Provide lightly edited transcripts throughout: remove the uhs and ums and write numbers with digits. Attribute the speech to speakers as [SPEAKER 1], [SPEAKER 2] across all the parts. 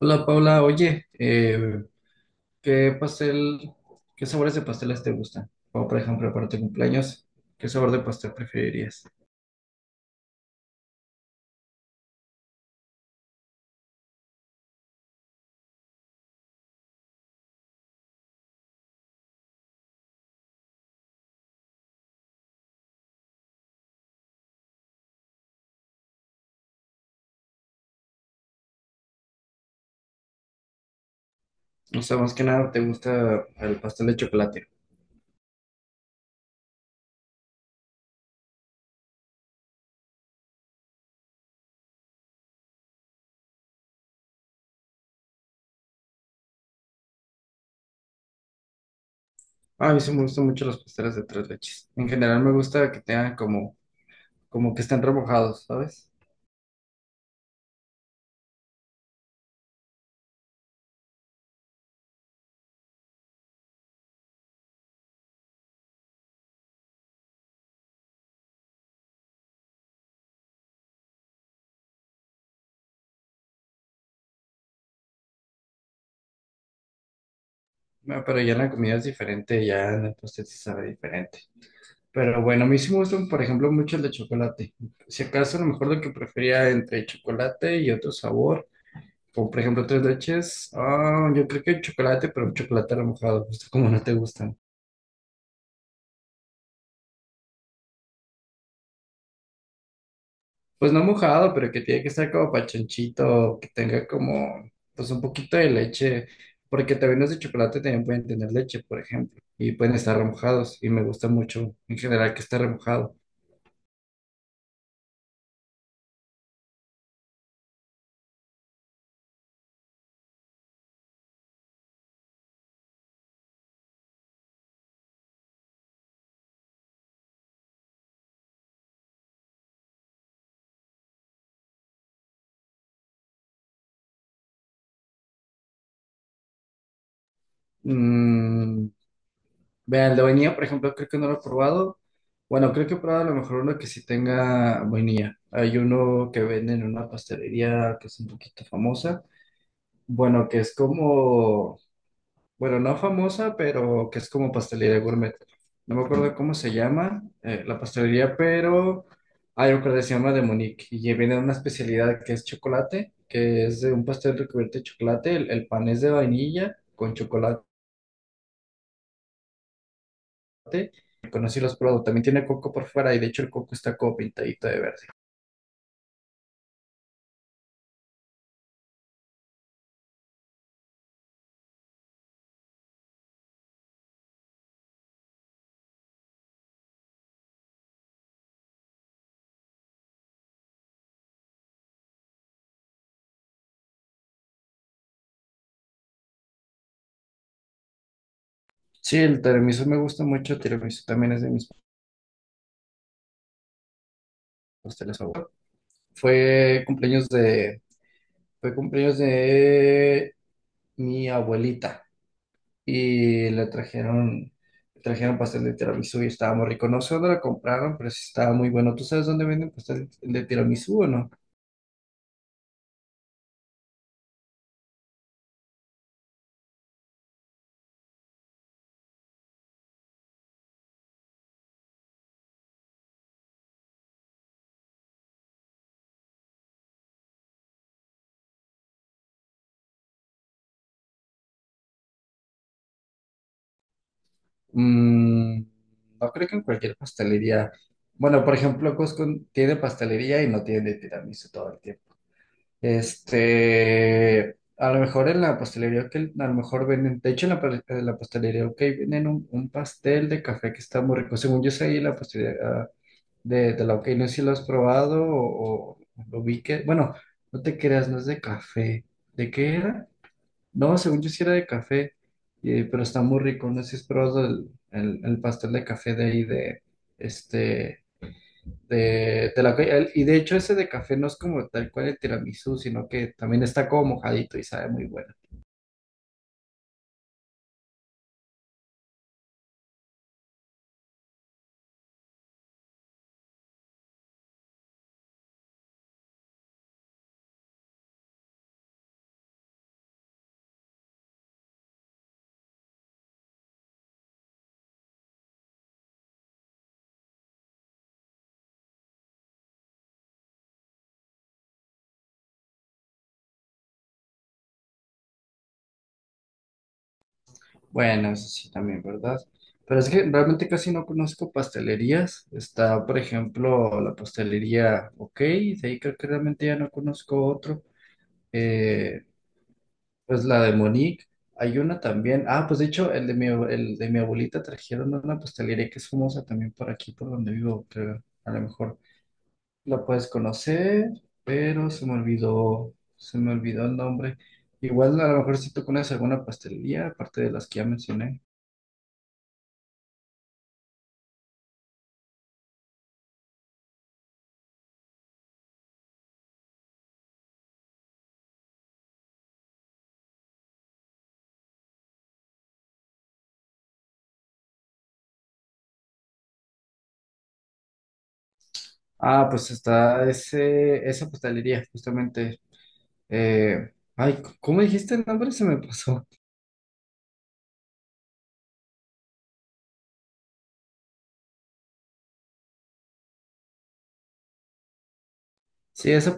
[SPEAKER 1] Hola Paula, oye, ¿qué pastel, qué sabores de pasteles te gustan? O por ejemplo, para tu cumpleaños, ¿qué sabor de pastel preferirías? O sea, más que nada, ¿te gusta el pastel de chocolate? Ah, a mí sí me gustan mucho los pasteles de tres leches. En general me gusta que tengan como, como que estén remojados, ¿sabes? Ah, pero ya en la comida es diferente, ya en el pastel se sabe diferente. Pero bueno, a mí sí me gustan, por ejemplo, mucho el de chocolate. Si acaso, a lo mejor lo que prefería entre chocolate y otro sabor. O, por ejemplo, tres leches. Ah, yo creo que chocolate, pero chocolate no mojado, justo como no te gustan. Pues no mojado, pero que tiene que estar como pachonchito, que tenga como, pues un poquito de leche. Porque también los de chocolate también pueden tener leche, por ejemplo. Y pueden estar remojados. Y me gusta mucho, en general, que esté remojado. Mm, vean, la vainilla, por ejemplo, creo que no lo he probado. Bueno, creo que he probado a lo mejor uno que sí tenga vainilla. Hay uno que venden en una pastelería que es un poquito famosa. Bueno, que es como, bueno, no famosa, pero que es como pastelería gourmet. No me acuerdo cómo se llama la pastelería, pero hay un que se llama de Monique y viene una especialidad que es chocolate, que es de un pastel recubierto de chocolate. El pan es de vainilla con chocolate. Conocí los productos. También tiene coco por fuera y de hecho el coco está como pintadito de verde. Sí, el tiramisú me gusta mucho. El tiramisú también es de mis pasteles favoritos. Fue cumpleaños de, fue cumpleaños de mi abuelita y le trajeron pastel de tiramisú y estaba muy rico. No sé dónde la compraron, pero sí estaba muy bueno. ¿Tú sabes dónde venden pastel de tiramisú o no? Mm, no creo que en cualquier pastelería. Bueno, por ejemplo, Costco tiene pastelería y no tiene de tiramisú todo el tiempo. Este, a lo mejor en la pastelería que a lo mejor venden, de hecho en la, en la pastelería OK, venden un pastel de café que está muy rico. Según yo sé, ahí en la pastelería de la OK, no sé si lo has probado o lo vi que, bueno, no te creas, no es de café. ¿De qué era? No, según yo sí era de café, pero está muy rico. No sé si has probado el pastel de café de ahí, de este, de la OK. El- Y de hecho, ese de café no es como tal cual el tiramisú, sino que también está como mojadito y sabe muy bueno. Bueno, eso sí también, ¿verdad? Pero es que realmente casi no conozco pastelerías. Está, por ejemplo, la pastelería OK, de ahí creo que realmente ya no conozco otro. Eh, pues la de Monique, hay una también. Ah, pues de hecho, el de mi, el de mi abuelita trajeron una pastelería que es famosa también por aquí, por donde vivo, creo. A lo mejor la puedes conocer, pero se me olvidó el nombre. Igual a lo mejor si tú conoces alguna pastelería, aparte de las que ya mencioné. Ah, pues está ese, esa pastelería, justamente. ¿Cómo dijiste el nombre? Se me pasó. Sí, esa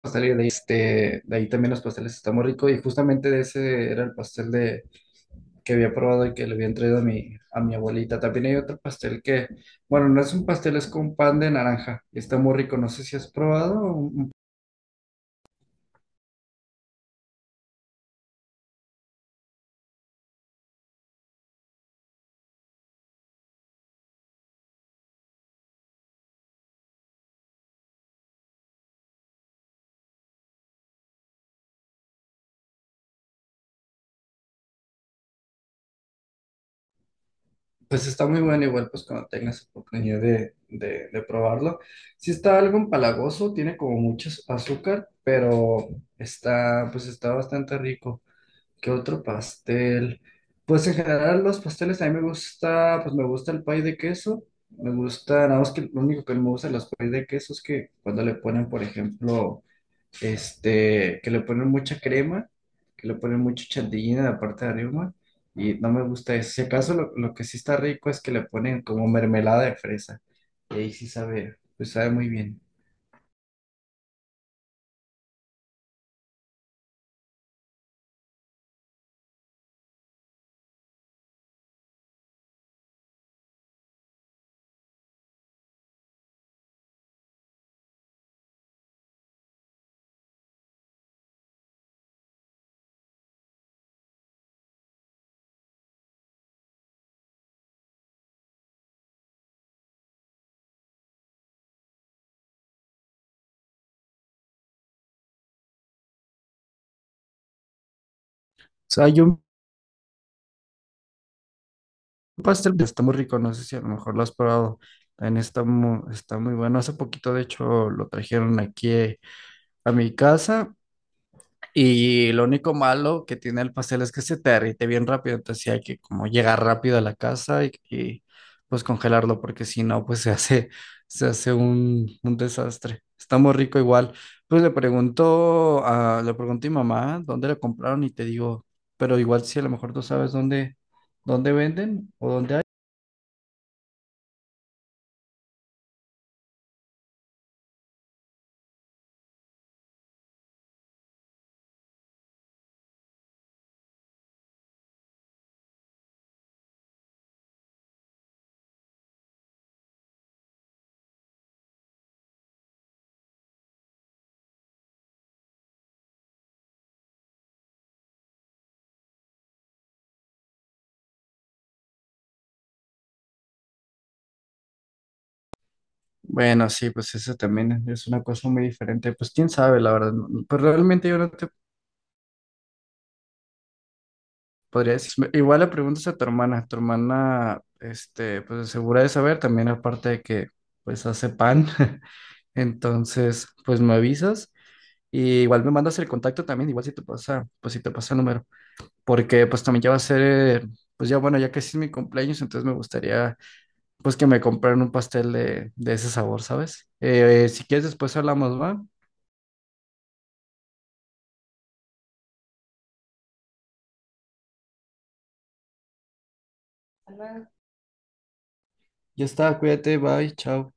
[SPEAKER 1] pastelería de ahí, este, de ahí también los pasteles están muy ricos. Y justamente de ese era el pastel de, que había probado y que le había traído a mi abuelita. También hay otro pastel que, bueno, no es un pastel, es con pan de naranja. Y está muy rico. No sé si has probado un... Pues está muy bueno, igual pues cuando tengas oportunidad de probarlo. Sí está algo empalagoso, tiene como mucho azúcar, pero está, pues está bastante rico. ¿Qué otro pastel? Pues en general los pasteles a mí me gusta, pues me gusta el pay de queso, me gusta, nada más que lo único que no me gusta de los pay de queso es que cuando le ponen, por ejemplo, este, que le ponen mucha crema, que le ponen mucho chantilly en la parte de arriba, y no me gusta eso. Si acaso lo que sí está rico es que le ponen como mermelada de fresa, y ahí sí sabe, pues sabe muy bien. O sea, hay un pastel que está muy rico, no sé si a lo mejor lo has probado. También está muy bueno. Hace poquito, de hecho, lo trajeron aquí a mi casa. Y lo único malo que tiene el pastel es que se te derrite bien rápido, entonces sí hay que como llegar rápido a la casa pues congelarlo, porque si no, pues se hace un desastre. Está muy rico igual. Pues le pregunté a mi mamá dónde lo compraron y te digo, pero igual si a lo mejor tú sabes dónde, dónde venden o dónde hay. Bueno, sí, pues eso también es una cosa muy diferente. Pues quién sabe, la verdad. No. Pues realmente yo no te podría decirme, igual le preguntas a tu hermana, este, pues segura de saber, también aparte de que, pues hace pan, entonces, pues me avisas y igual me mandas el contacto también, igual si te pasa, pues si te pasa el número, porque pues también ya va a ser, pues ya bueno, ya casi es mi cumpleaños, entonces me gustaría, pues que me compraran un pastel de ese sabor, ¿sabes? Si quieres después hablamos, ¿va? Ya está, cuídate, bye, chao.